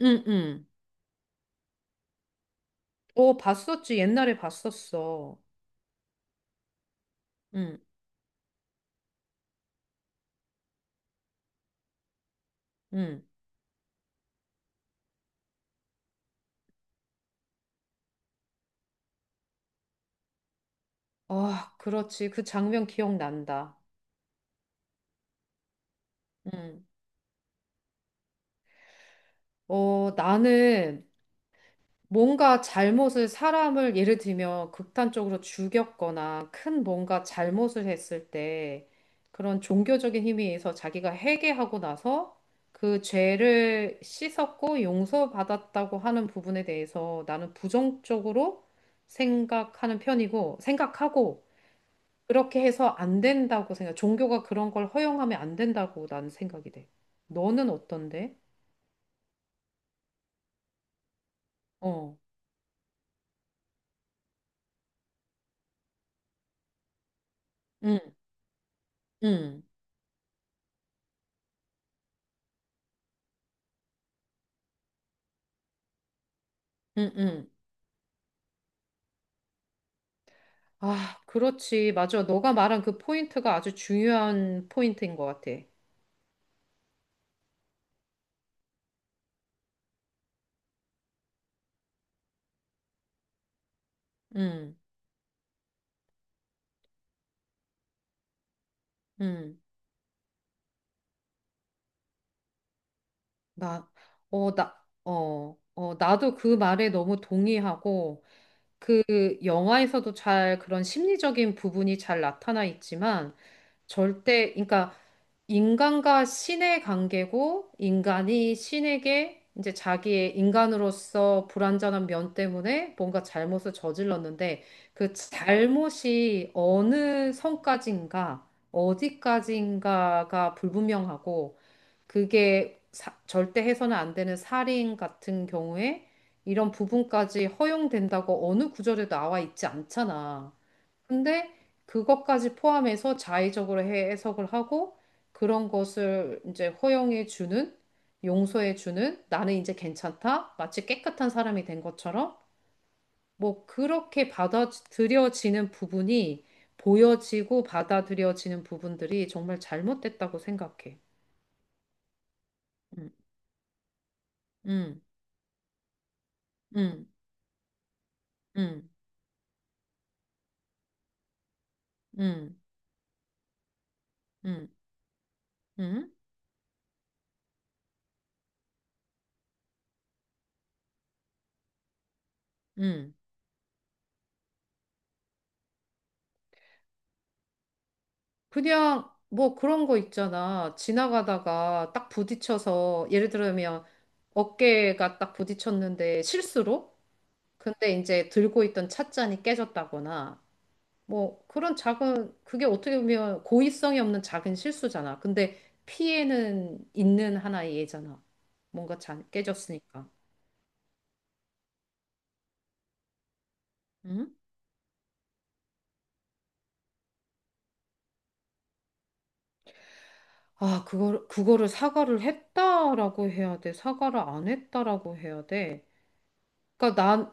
응, 응. 어, 봤었지. 옛날에 봤었어. 응, 응. 아, 그렇지. 그 장면 기억난다. 응. 어, 나는 뭔가 잘못을 사람을 예를 들면 극단적으로 죽였거나 큰 뭔가 잘못을 했을 때 그런 종교적인 힘에 의해서 자기가 회개하고 나서 그 죄를 씻었고 용서받았다고 하는 부분에 대해서 나는 부정적으로 생각하는 편이고 생각하고 그렇게 해서 안 된다고 생각. 종교가 그런 걸 허용하면 안 된다고 나는 생각이 돼. 너는 어떤데? 어. 응. 응. 응. 응. 아, 그렇지. 맞아. 너가 말한 그 포인트가 아주 중요한 포인트인 것 같아. 응. 응. 나, 나도 그 말에 너무 동의하고, 그 영화에서도 잘 그런 심리적인 부분이 잘 나타나 있지만 절대, 그러니까 인간과 신의 관계고 인간이 신에게 이제 자기의 인간으로서 불완전한 면 때문에 뭔가 잘못을 저질렀는데 그 잘못이 어느 선까지인가 어디까지인가가 불분명하고 그게 절대 해서는 안 되는 살인 같은 경우에 이런 부분까지 허용된다고 어느 구절에 나와 있지 않잖아. 근데 그것까지 포함해서 자의적으로 해석을 하고 그런 것을 이제 허용해 주는, 용서해 주는 나는 이제 괜찮다. 마치 깨끗한 사람이 된 것처럼 뭐 그렇게 받아들여지는 부분이 보여지고 받아들여지는 부분들이 정말 잘못됐다고 생각해. 음, 음, 음. 응, 응, 응, 응, 응. 그냥 뭐 그런 거 있잖아. 지나가다가 딱 부딪혀서 예를 들면 어깨가 딱 부딪혔는데 실수로? 근데 이제 들고 있던 찻잔이 깨졌다거나 뭐 그런 작은 그게 어떻게 보면 고의성이 없는 작은 실수잖아. 근데 피해는 있는 하나의 예잖아. 뭔가 잔 깨졌으니까. 응? 아, 그거를 사과를 했다라고 해야 돼. 사과를 안 했다라고 해야 돼. 그러니까 난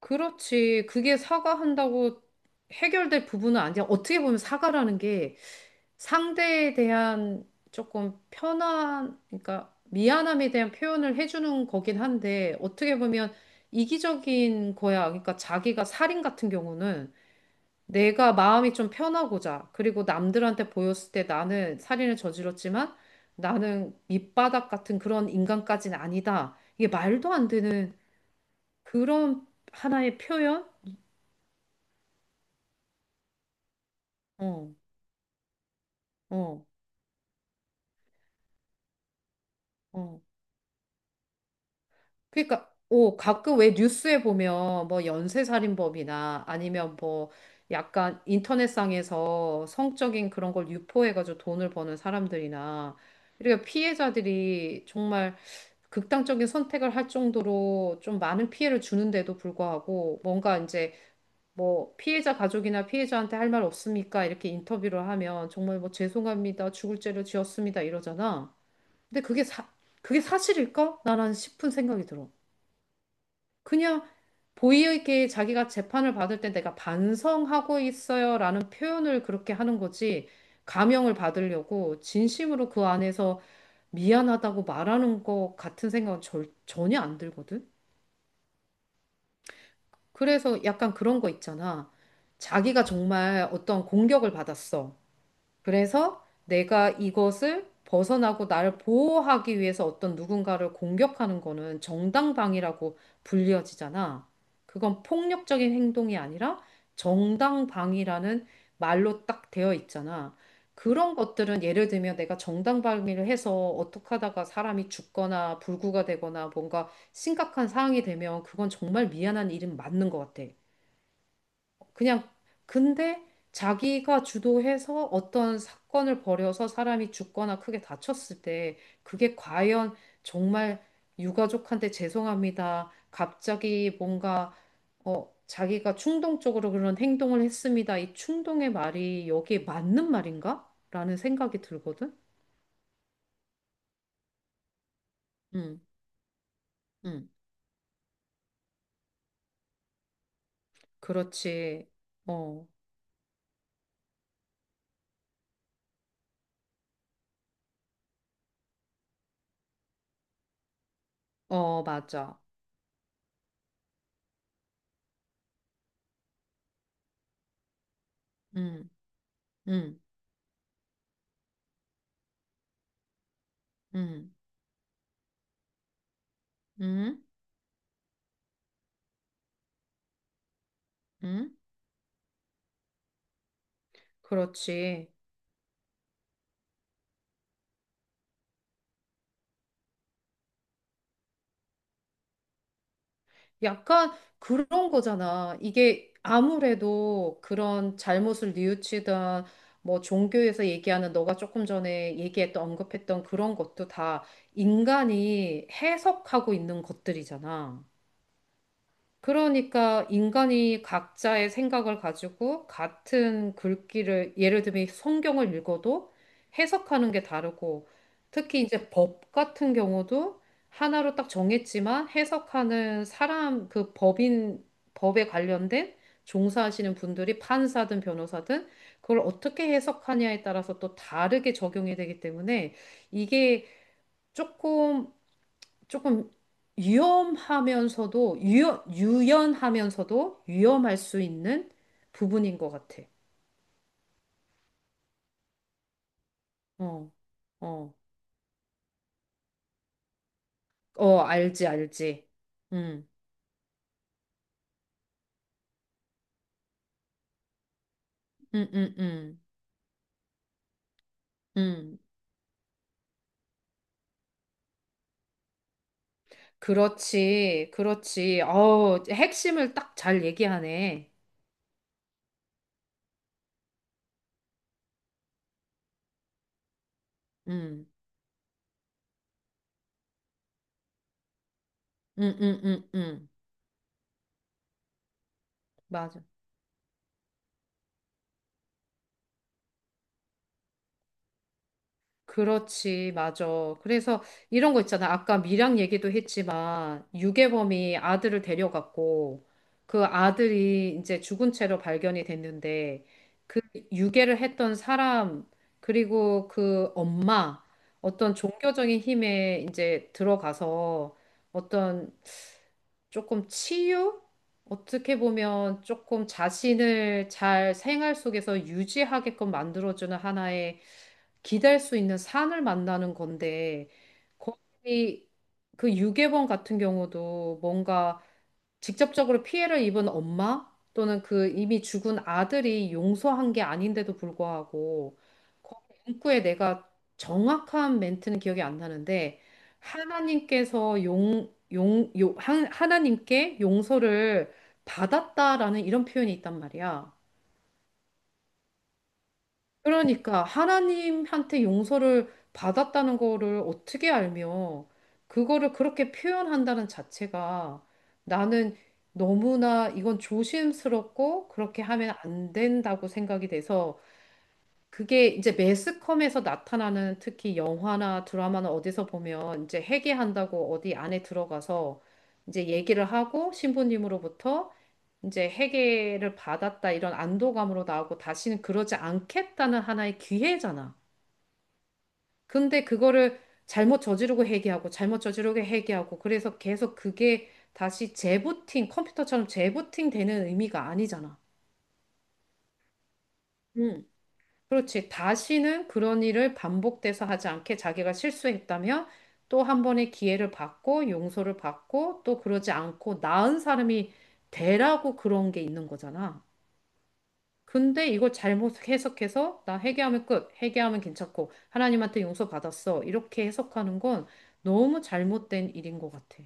그렇지. 그게 사과한다고 해결될 부분은 아니야. 어떻게 보면 사과라는 게 상대에 대한 조금 편한, 그러니까 미안함에 대한 표현을 해주는 거긴 한데 어떻게 보면 이기적인 거야. 그러니까 자기가 살인 같은 경우는 내가 마음이 좀 편하고자 그리고 남들한테 보였을 때 나는 살인을 저질렀지만 나는 밑바닥 같은 그런 인간까지는 아니다. 이게 말도 안 되는 그런 하나의 표현? 어, 어, 어. 그러니까, 오, 가끔 왜 뉴스에 보면 뭐 연쇄살인범이나 아니면 뭐 약간 인터넷상에서 성적인 그런 걸 유포해가지고 돈을 버는 사람들이나 이렇게 피해자들이 정말 극단적인 선택을 할 정도로 좀 많은 피해를 주는데도 불구하고 뭔가 이제 뭐 피해자 가족이나 피해자한테 할 말 없습니까? 이렇게 인터뷰를 하면 정말 뭐 죄송합니다. 죽을 죄를 지었습니다. 이러잖아. 근데 그게 사실일까? 나란 싶은 생각이 들어. 그냥 보이에게 자기가 재판을 받을 때 내가 반성하고 있어요라는 표현을 그렇게 하는 거지. 감형을 받으려고 진심으로 그 안에서 미안하다고 말하는 것 같은 생각은 전혀 안 들거든. 그래서 약간 그런 거 있잖아. 자기가 정말 어떤 공격을 받았어. 그래서 내가 이것을 벗어나고 나를 보호하기 위해서 어떤 누군가를 공격하는 거는 정당방위라고 불려지잖아. 그건 폭력적인 행동이 아니라 정당방위라는 말로 딱 되어 있잖아. 그런 것들은 예를 들면 내가 정당방위를 해서 어떻게 하다가 사람이 죽거나 불구가 되거나 뭔가 심각한 상황이 되면 그건 정말 미안한 일은 맞는 것 같아. 그냥 근데 자기가 주도해서 어떤 사건을 벌여서 사람이 죽거나 크게 다쳤을 때 그게 과연 정말 유가족한테 죄송합니다. 갑자기 뭔가 자기가 충동적으로 그런 행동을 했습니다. 이 충동의 말이 여기에 맞는 말인가? 라는 생각이 들거든. 응, 응, 그렇지. 어, 어, 맞아. 응, 응, 응, 응, 응, 그렇지. 약간 그런 거잖아. 이게 아무래도 그런 잘못을 뉘우치던 뭐 종교에서 얘기하는 너가 조금 전에 얘기했던 언급했던 그런 것도 다 인간이 해석하고 있는 것들이잖아. 그러니까 인간이 각자의 생각을 가지고 같은 글귀를 예를 들면 성경을 읽어도 해석하는 게 다르고 특히 이제 법 같은 경우도 하나로 딱 정했지만 해석하는 사람 그 법인 법에 관련된 종사하시는 분들이 판사든 변호사든 그걸 어떻게 해석하냐에 따라서 또 다르게 적용이 되기 때문에 이게 조금 조금 위험하면서도 유연하면서도 위험할 수 있는 부분인 것 같아. 어, 어, 어, 알지, 알지. 음, 음, 음, 음, 음. 그렇지, 그렇지. 어, 핵심을 딱 잘 얘기하네. 음, 음, 음, 음, 음. 맞아. 그렇지, 맞아. 그래서 이런 거 있잖아. 아까 밀양 얘기도 했지만, 유괴범이 아들을 데려갔고, 그 아들이 이제 죽은 채로 발견이 됐는데, 그 유괴를 했던 사람, 그리고 그 엄마, 어떤 종교적인 힘에 이제 들어가서 어떤 조금 치유? 어떻게 보면 조금 자신을 잘 생활 속에서 유지하게끔 만들어주는 하나의 기댈 수 있는 산을 만나는 건데 거기 그 유괴범 같은 경우도 뭔가 직접적으로 피해를 입은 엄마 또는 그 이미 죽은 아들이 용서한 게 아닌데도 불구하고 거기 문구에 내가 정확한 멘트는 기억이 안 나는데 하나님께서 용, 용, 용, 하- 하나님께 용서를 받았다라는 이런 표현이 있단 말이야. 그러니까 하나님한테 용서를 받았다는 거를 어떻게 알며 그거를 그렇게 표현한다는 자체가 나는 너무나 이건 조심스럽고 그렇게 하면 안 된다고 생각이 돼서 그게 이제 매스컴에서 나타나는 특히 영화나 드라마나 어디서 보면 이제 회계한다고 어디 안에 들어가서 이제 얘기를 하고 신부님으로부터 이제 회계를 받았다 이런 안도감으로 나오고 다시는 그러지 않겠다는 하나의 기회잖아. 근데 그거를 잘못 저지르고 회계하고 잘못 저지르고 회계하고 그래서 계속 그게 다시 재부팅, 컴퓨터처럼 재부팅 되는 의미가 아니잖아. 그렇지. 다시는 그런 일을 반복돼서 하지 않게 자기가 실수했다면 또 한 번의 기회를 받고 용서를 받고 또 그러지 않고 나은 사람이 되라고 그런 게 있는 거잖아. 근데 이걸 잘못 해석해서 나 회개하면 끝, 회개하면 괜찮고 하나님한테 용서 받았어. 이렇게 해석하는 건 너무 잘못된 일인 것 같아.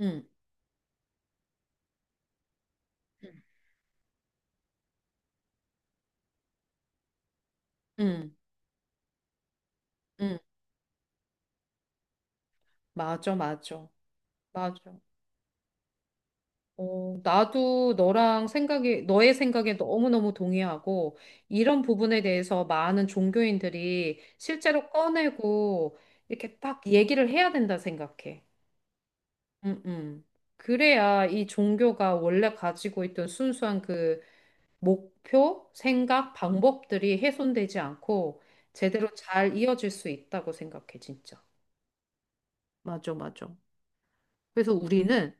응, 음. 응, 응. 맞아, 맞아, 맞아. 어, 나도 너랑 너의 생각에 너무너무 동의하고, 이런 부분에 대해서 많은 종교인들이 실제로 꺼내고, 이렇게 딱 얘기를 해야 된다 생각해. 음, 음. 그래야 이 종교가 원래 가지고 있던 순수한 그 목표, 생각, 방법들이 훼손되지 않고, 제대로 잘 이어질 수 있다고 생각해, 진짜. 맞아, 맞아. 그래서 우리는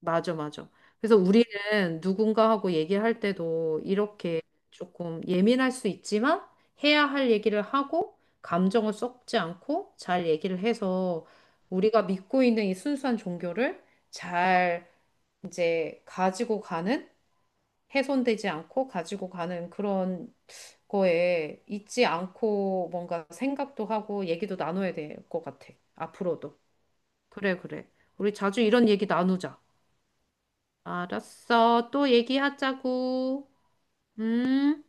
맞아, 맞아. 그래서 우리는 누군가하고 얘기할 때도 이렇게 조금 예민할 수 있지만 해야 할 얘기를 하고 감정을 섞지 않고 잘 얘기를 해서 우리가 믿고 있는 이 순수한 종교를 잘 이제 가지고 가는 훼손되지 않고 가지고 가는 그런 거에 잊지 않고 뭔가 생각도 하고 얘기도 나눠야 될 것 같아. 앞으로도. 그래, 그래. 우리 자주 이런 얘기 나누자. 알았어. 또 얘기하자고. 응.